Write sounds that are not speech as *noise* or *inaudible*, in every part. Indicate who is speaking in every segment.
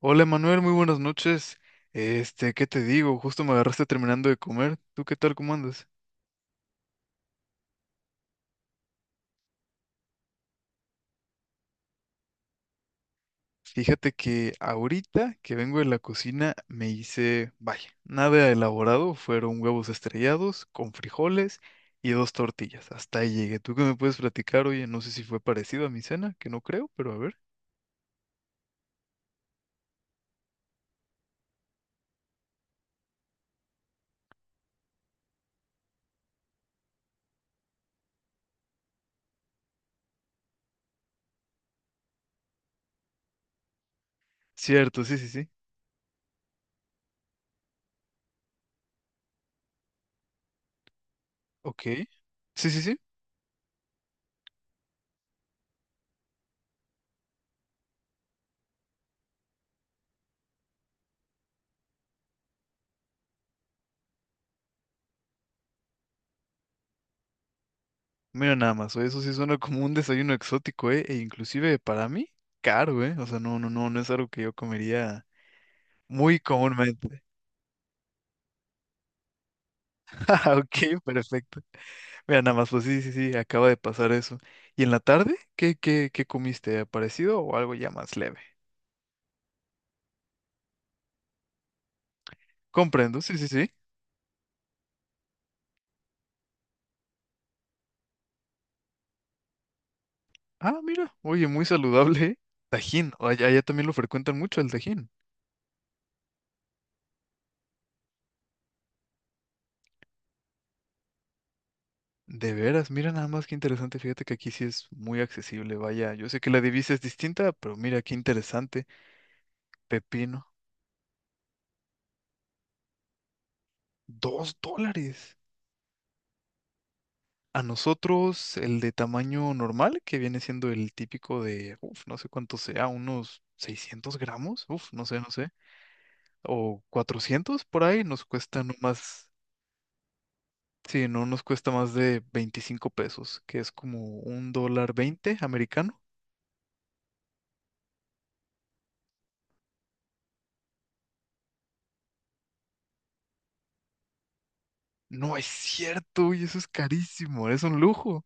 Speaker 1: Hola Manuel, muy buenas noches. ¿Qué te digo? Justo me agarraste terminando de comer. ¿Tú qué tal, cómo andas? Fíjate que ahorita que vengo de la cocina me hice, vaya, nada elaborado, fueron huevos estrellados con frijoles y dos tortillas. Hasta ahí llegué. ¿Tú qué me puedes platicar? Oye, no sé si fue parecido a mi cena, que no creo, pero a ver. Cierto, sí, sí, sí. Ok. Sí, sí, sí. Mira nada más, oye, eso sí suena como un desayuno exótico, ¿eh? E inclusive para mí, caro, ¿eh? O sea, no, no, no, no es algo que yo comería muy comúnmente. *laughs* Ah, ok, perfecto. Mira, nada más, pues sí, sí, sí, acaba de pasar eso. ¿Y en la tarde? ¿Qué comiste? ¿Parecido o algo ya más leve? Comprendo, sí, sí, sí. Ah, mira, oye, muy saludable. ¿Eh? Tajín, allá, allá también lo frecuentan mucho el tajín. De veras, mira nada más qué interesante. Fíjate que aquí sí es muy accesible. Vaya, yo sé que la divisa es distinta, pero mira qué interesante. Pepino, $2. A nosotros el de tamaño normal, que viene siendo el típico de, uf, no sé cuánto sea, unos 600 g, uf, no sé, no sé, o 400 por ahí, nos cuesta no más, sí, no nos cuesta más de 25 pesos, que es como $1.20 americano. No es cierto, y eso es carísimo, es un lujo.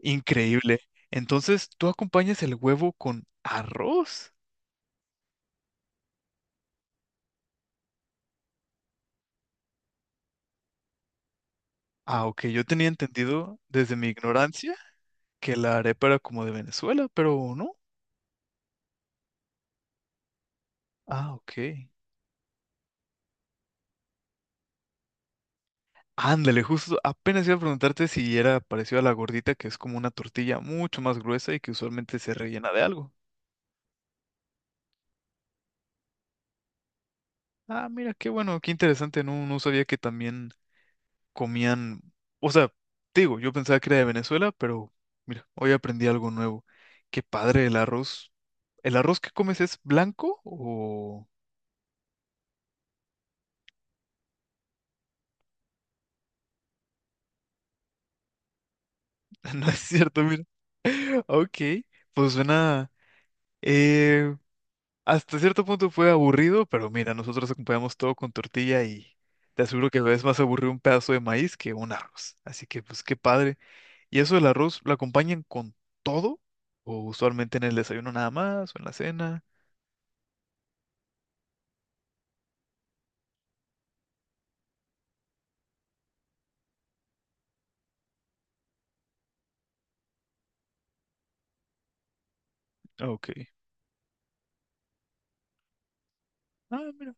Speaker 1: Increíble. Entonces, ¿tú acompañas el huevo con arroz? Ah, ok, yo tenía entendido desde mi ignorancia que la arepa era como de Venezuela, pero no. Ah, ok. Ándale, justo apenas iba a preguntarte si era parecido a la gordita, que es como una tortilla mucho más gruesa y que usualmente se rellena de algo. Ah, mira, qué bueno, qué interesante, no, no sabía que también comían, o sea, te digo, yo pensaba que era de Venezuela, pero mira, hoy aprendí algo nuevo. Qué padre el arroz. ¿El arroz que comes es blanco o *laughs* ¿no es cierto? Mira, ok, pues suena... Eh, Hasta cierto punto fue aburrido, pero mira, nosotros acompañamos todo con tortilla y te aseguro que es más aburrido un pedazo de maíz que un arroz. Así que pues qué padre. ¿Y eso del arroz lo acompañan con todo? ¿O usualmente en el desayuno nada más o en la cena? Ah, ok. Ah, mira.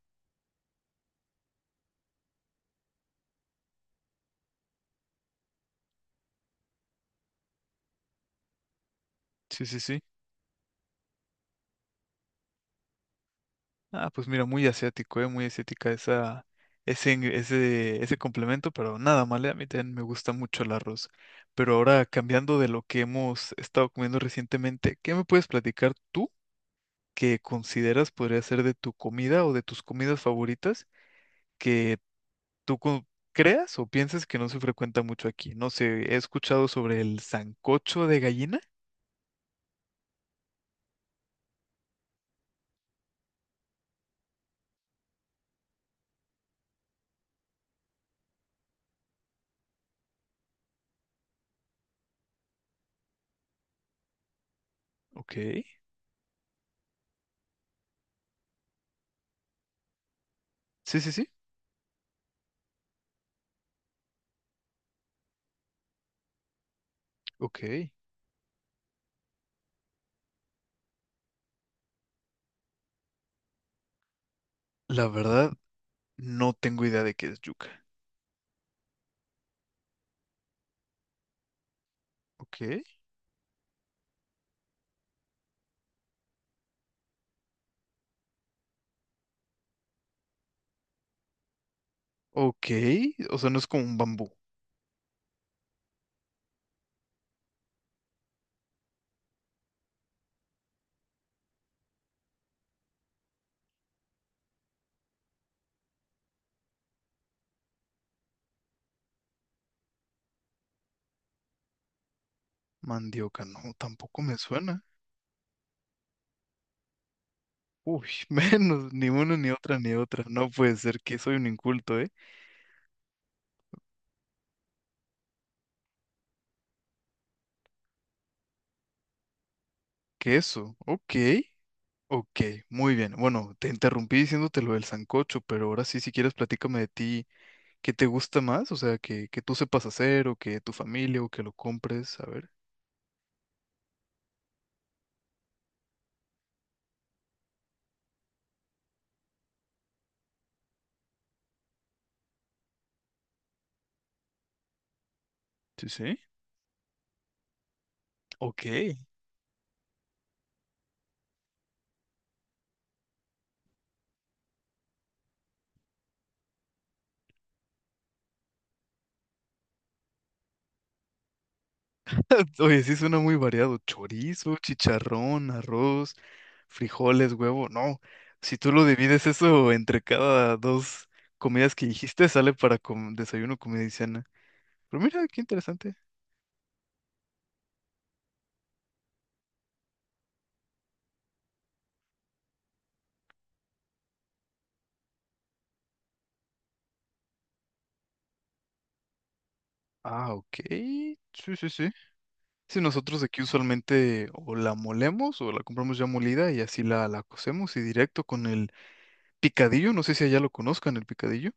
Speaker 1: Sí, sí, sí. Ah, pues mira, muy asiático, muy asiática esa, ese complemento, pero nada mal, a mí también me gusta mucho el arroz. Pero ahora cambiando de lo que hemos estado comiendo recientemente, ¿qué me puedes platicar tú que consideras podría ser de tu comida o de tus comidas favoritas que tú creas o pienses que no se frecuenta mucho aquí? No sé, he escuchado sobre el sancocho de gallina. Ok, sí, sí, sí. Ok, la verdad, no tengo idea de qué es yuca. Ok. Ok, o sea, no es como un bambú. Mandioca, no, tampoco me suena. Uy, *laughs* menos, ni uno ni otra, ni otra. No puede ser que soy un inculto, ¿eh? Queso, ok. Ok, muy bien. Bueno, te interrumpí diciéndote lo del sancocho, pero ahora sí, si quieres, platícame de ti. ¿Qué te gusta más? O sea, que tú sepas hacer o que tu familia o que lo compres. A ver. Sí, sí. Ok. *laughs* Oye, sí suena muy variado. Chorizo, chicharrón, arroz, frijoles, huevo. No, si tú lo divides eso entre cada dos comidas que dijiste, sale para desayuno, comida y cena. Pero mira, qué interesante. Ah, ok. Sí, sí, sí. Si nosotros aquí usualmente o la molemos o la compramos ya molida y así la cocemos y directo con el picadillo, no sé si allá lo conozcan, el picadillo.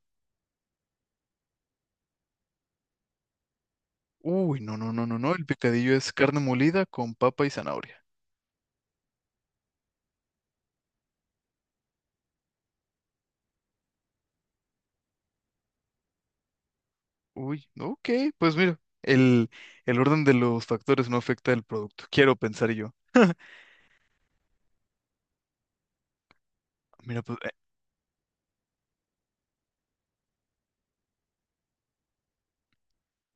Speaker 1: Uy, no, no, no, no, no, el picadillo es carne molida con papa y zanahoria. Uy, ok, pues mira, el orden de los factores no afecta el producto, quiero pensar yo. Mira, pues,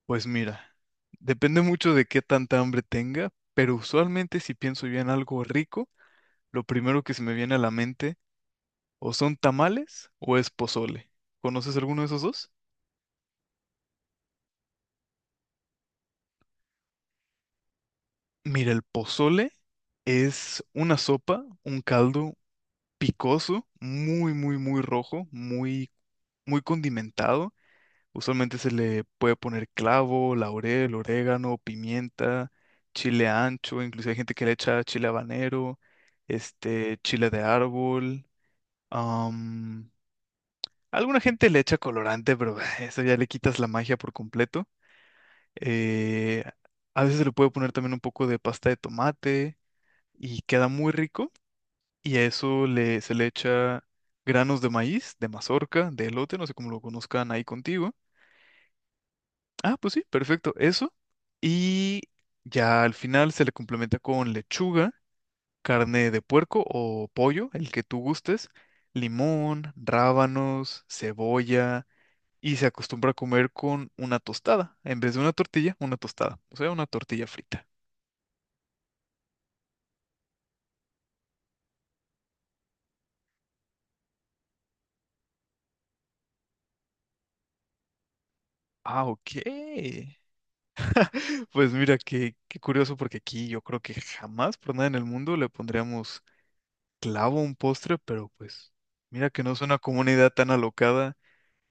Speaker 1: pues mira, depende mucho de qué tanta hambre tenga, pero usualmente si pienso yo en algo rico, lo primero que se me viene a la mente o son tamales o es pozole. ¿Conoces alguno de esos dos? Mira, el pozole es una sopa, un caldo picoso, muy, muy, muy rojo, muy, muy condimentado. Usualmente se le puede poner clavo, laurel, orégano, pimienta, chile ancho, inclusive hay gente que le echa chile habanero, chile de árbol. am, Alguna gente le echa colorante, pero *laughs* eso ya le quitas la magia por completo. Eh, a veces se le puede poner también un poco de pasta de tomate y queda muy rico. Y a eso se le echa granos de maíz, de mazorca, de elote, no sé cómo lo conozcan ahí contigo. Ah, pues sí, perfecto, eso. Y ya al final se le complementa con lechuga, carne de puerco o pollo, el que tú gustes, limón, rábanos, cebolla. Y se acostumbra a comer con una tostada, en vez de una tortilla, una tostada, o sea, una tortilla frita. Ah, ok. Pues mira, qué curioso porque aquí yo creo que jamás por nada en el mundo le pondríamos clavo a un postre, pero pues mira que no es una comunidad tan alocada,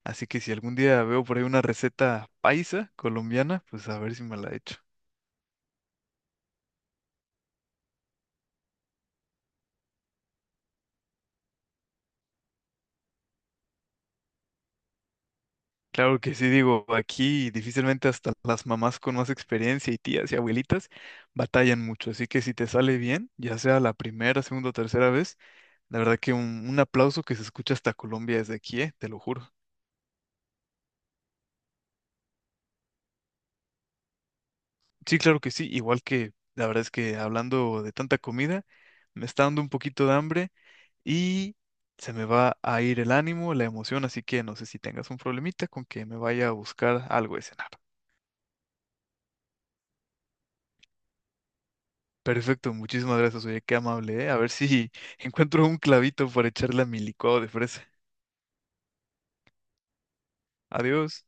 Speaker 1: así que si algún día veo por ahí una receta paisa colombiana, pues a ver si me la echo. Claro que sí, digo, aquí difícilmente hasta las mamás con más experiencia y tías y abuelitas batallan mucho, así que si te sale bien, ya sea la primera, segunda o tercera vez, la verdad que un aplauso que se escucha hasta Colombia desde aquí, te lo juro. Sí, claro que sí, igual que la verdad es que hablando de tanta comida, me está dando un poquito de hambre y se me va a ir el ánimo, la emoción, así que no sé si tengas un problemita con que me vaya a buscar algo de cenar. Perfecto, muchísimas gracias, oye, qué amable, ¿eh? A ver si *laughs* encuentro un clavito para echarle a mi licuado de fresa. Adiós.